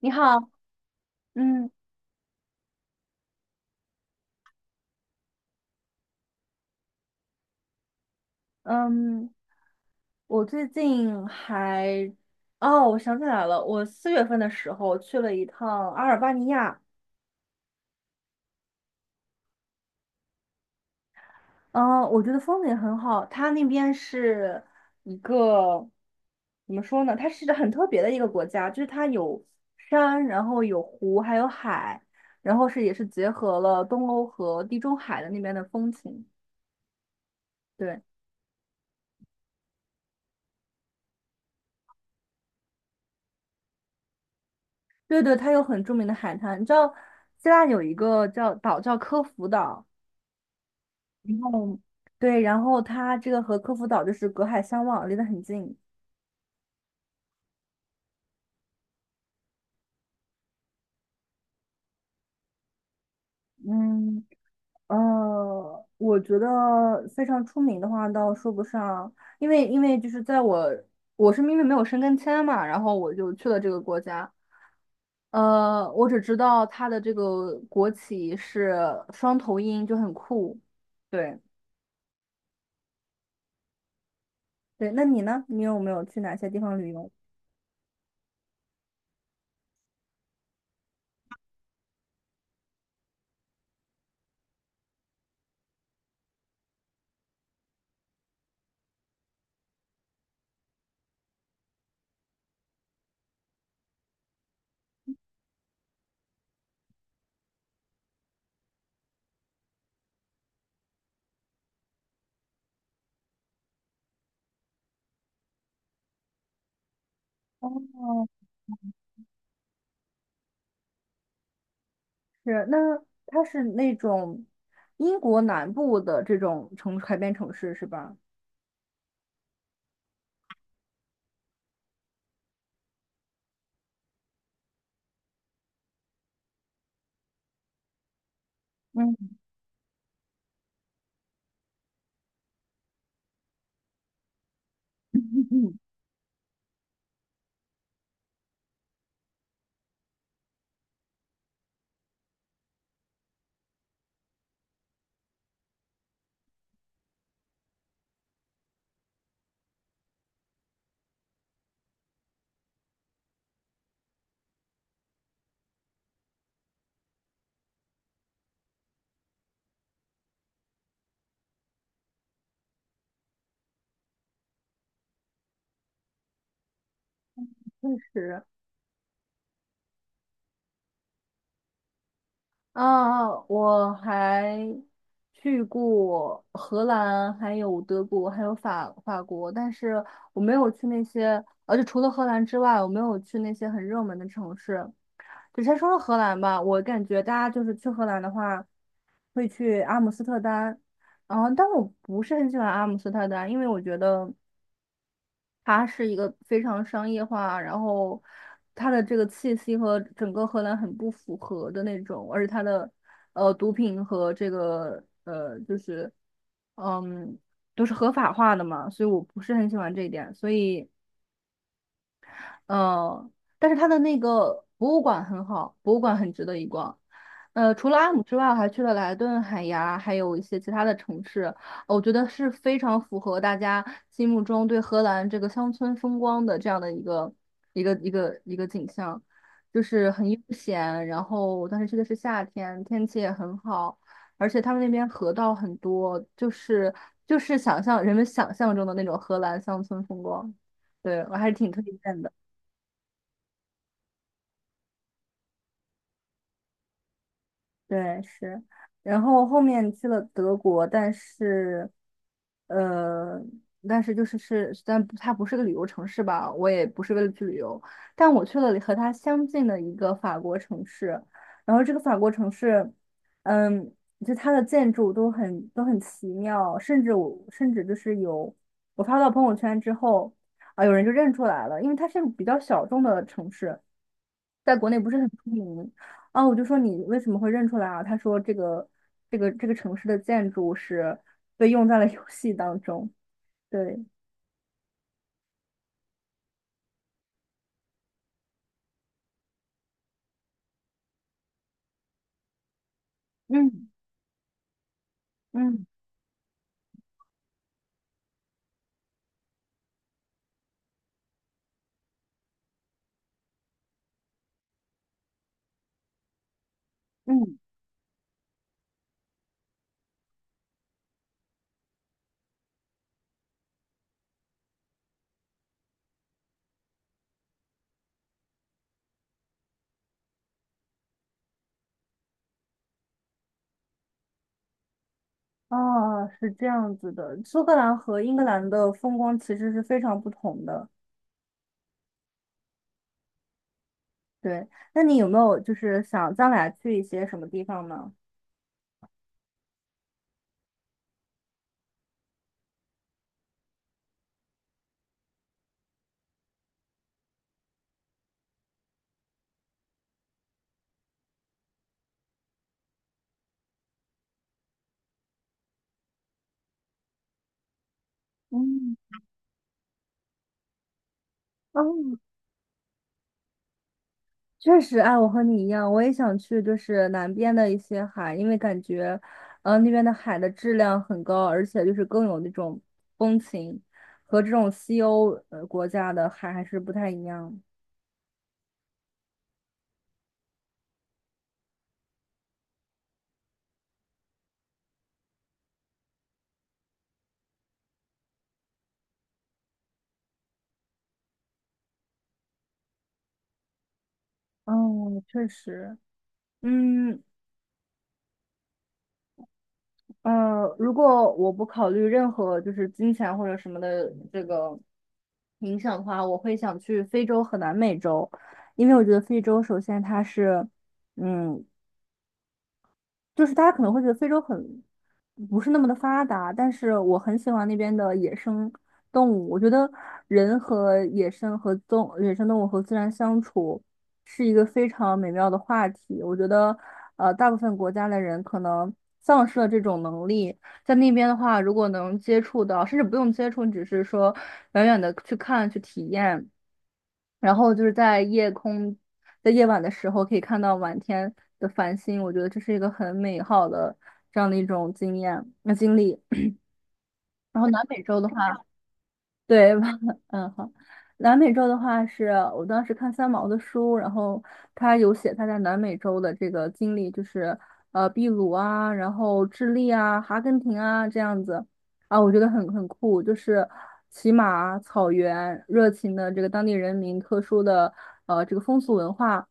你好，嗯嗯，我最近还，哦，我想起来了，我四月份的时候去了一趟阿尔巴尼亚。嗯，我觉得风景很好，它那边是一个，怎么说呢，它是一个很特别的一个国家，就是它有山，然后有湖，还有海，然后也是结合了东欧和地中海的那边的风情。对。对对，它有很著名的海滩。你知道，希腊有一个叫科孚岛，然后对，然后它这个和科孚岛就是隔海相望，离得很近。嗯我觉得非常出名的话倒说不上，因为就是在我我是因为没有申根签嘛，然后我就去了这个国家。我只知道它的这个国旗是双头鹰，就很酷。对对，那你呢？你有没有去哪些地方旅游？哦，是，那它是那种英国南部的这种海边城市是吧？嗯嗯嗯，确实。啊，我还去过荷兰，还有德国，还有法国，但是我没有去那些，而且除了荷兰之外，我没有去那些很热门的城市。就先说说荷兰吧，我感觉大家就是去荷兰的话，会去阿姆斯特丹，然后但我不是很喜欢阿姆斯特丹，因为我觉得，它是一个非常商业化，然后它的这个气息和整个荷兰很不符合的那种，而且它的毒品和这个就是嗯都是合法化的嘛，所以我不是很喜欢这一点，所以呃，但是它的那个博物馆很好，博物馆很值得一逛。除了阿姆之外，我还去了莱顿、海牙，还有一些其他的城市，我觉得是非常符合大家心目中对荷兰这个乡村风光的这样的一个景象，就是很悠闲。然后我当时去的是夏天，天气也很好，而且他们那边河道很多，就是人们想象中的那种荷兰乡村风光。对，我还是挺推荐的。对，是，然后后面去了德国，但是，呃，但是就是是，但不它不是个旅游城市吧？我也不是为了去旅游，但我去了和它相近的一个法国城市，然后这个法国城市，嗯，就它的建筑都很奇妙，甚至我甚至就是有我发到朋友圈之后，啊，有人就认出来了，因为它是个比较小众的城市，在国内不是很出名。啊，我就说你为什么会认出来啊？他说这个城市的建筑是被用在了游戏当中。对，嗯嗯嗯，啊是这样子的。苏格兰和英格兰的风光其实是非常不同的。对，那你有没有就是想将来去一些什么地方呢？嗯，哦，确实，哎，我和你一样，我也想去，就是南边的一些海，因为感觉，那边的海的质量很高，而且就是更有那种风情，和这种西欧国家的海还是不太一样。嗯，确实，嗯如果我不考虑任何就是金钱或者什么的这个影响的话，我会想去非洲和南美洲，因为我觉得非洲首先它是。嗯，就是大家可能会觉得非洲很不是那么的发达，但是我很喜欢那边的野生动物。我觉得人和野生动物和自然相处是一个非常美妙的话题。我觉得，大部分国家的人可能丧失了这种能力，在那边的话，如果能接触到，甚至不用接触，你只是说远远的去看去体验。然后就是在夜晚的时候可以看到满天的繁星，我觉得这是一个很美好的这样的一种经验、经历。然后南美洲的话，对，嗯，好。南美洲的话是我当时看三毛的书，然后他有写他在南美洲的这个经历，就是秘鲁啊，然后智利啊、阿根廷啊这样子啊，我觉得很酷，就是骑马、草原、热情的这个当地人民特殊的这个风俗文化，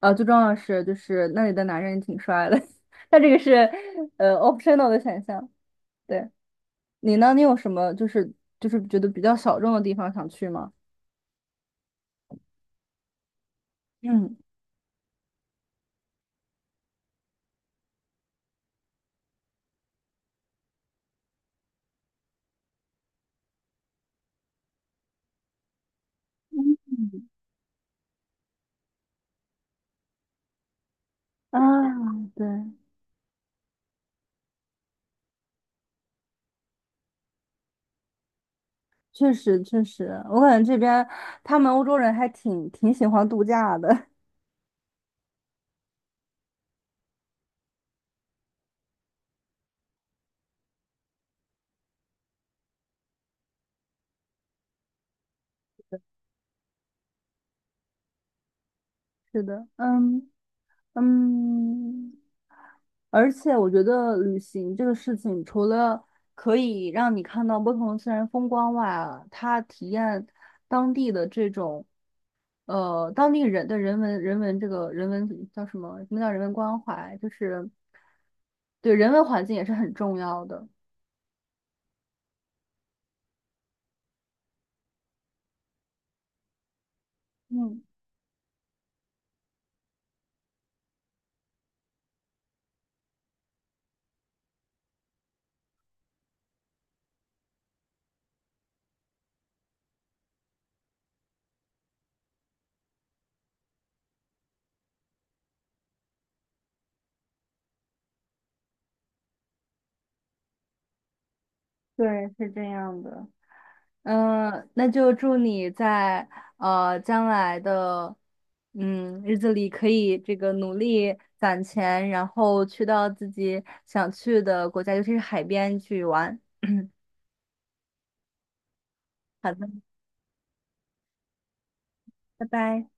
最重要的是就是那里的男人挺帅的，他这个是optional 的选项，对。你呢？你有什么就是觉得比较小众的地方想去吗？嗯。啊，对，确实确实，我感觉这边他们欧洲人还挺喜欢度假的。是的，嗯，而且我觉得旅行这个事情，除了可以让你看到不同的自然风光外啊，它体验当地的这种当地人的人文这个人文叫什么？什么叫人文关怀？就是对人文环境也是很重要的。嗯，对，是这样的。那就祝你在将来的日子里可以这个努力攒钱，然后去到自己想去的国家，尤其是海边去玩。好的，拜拜。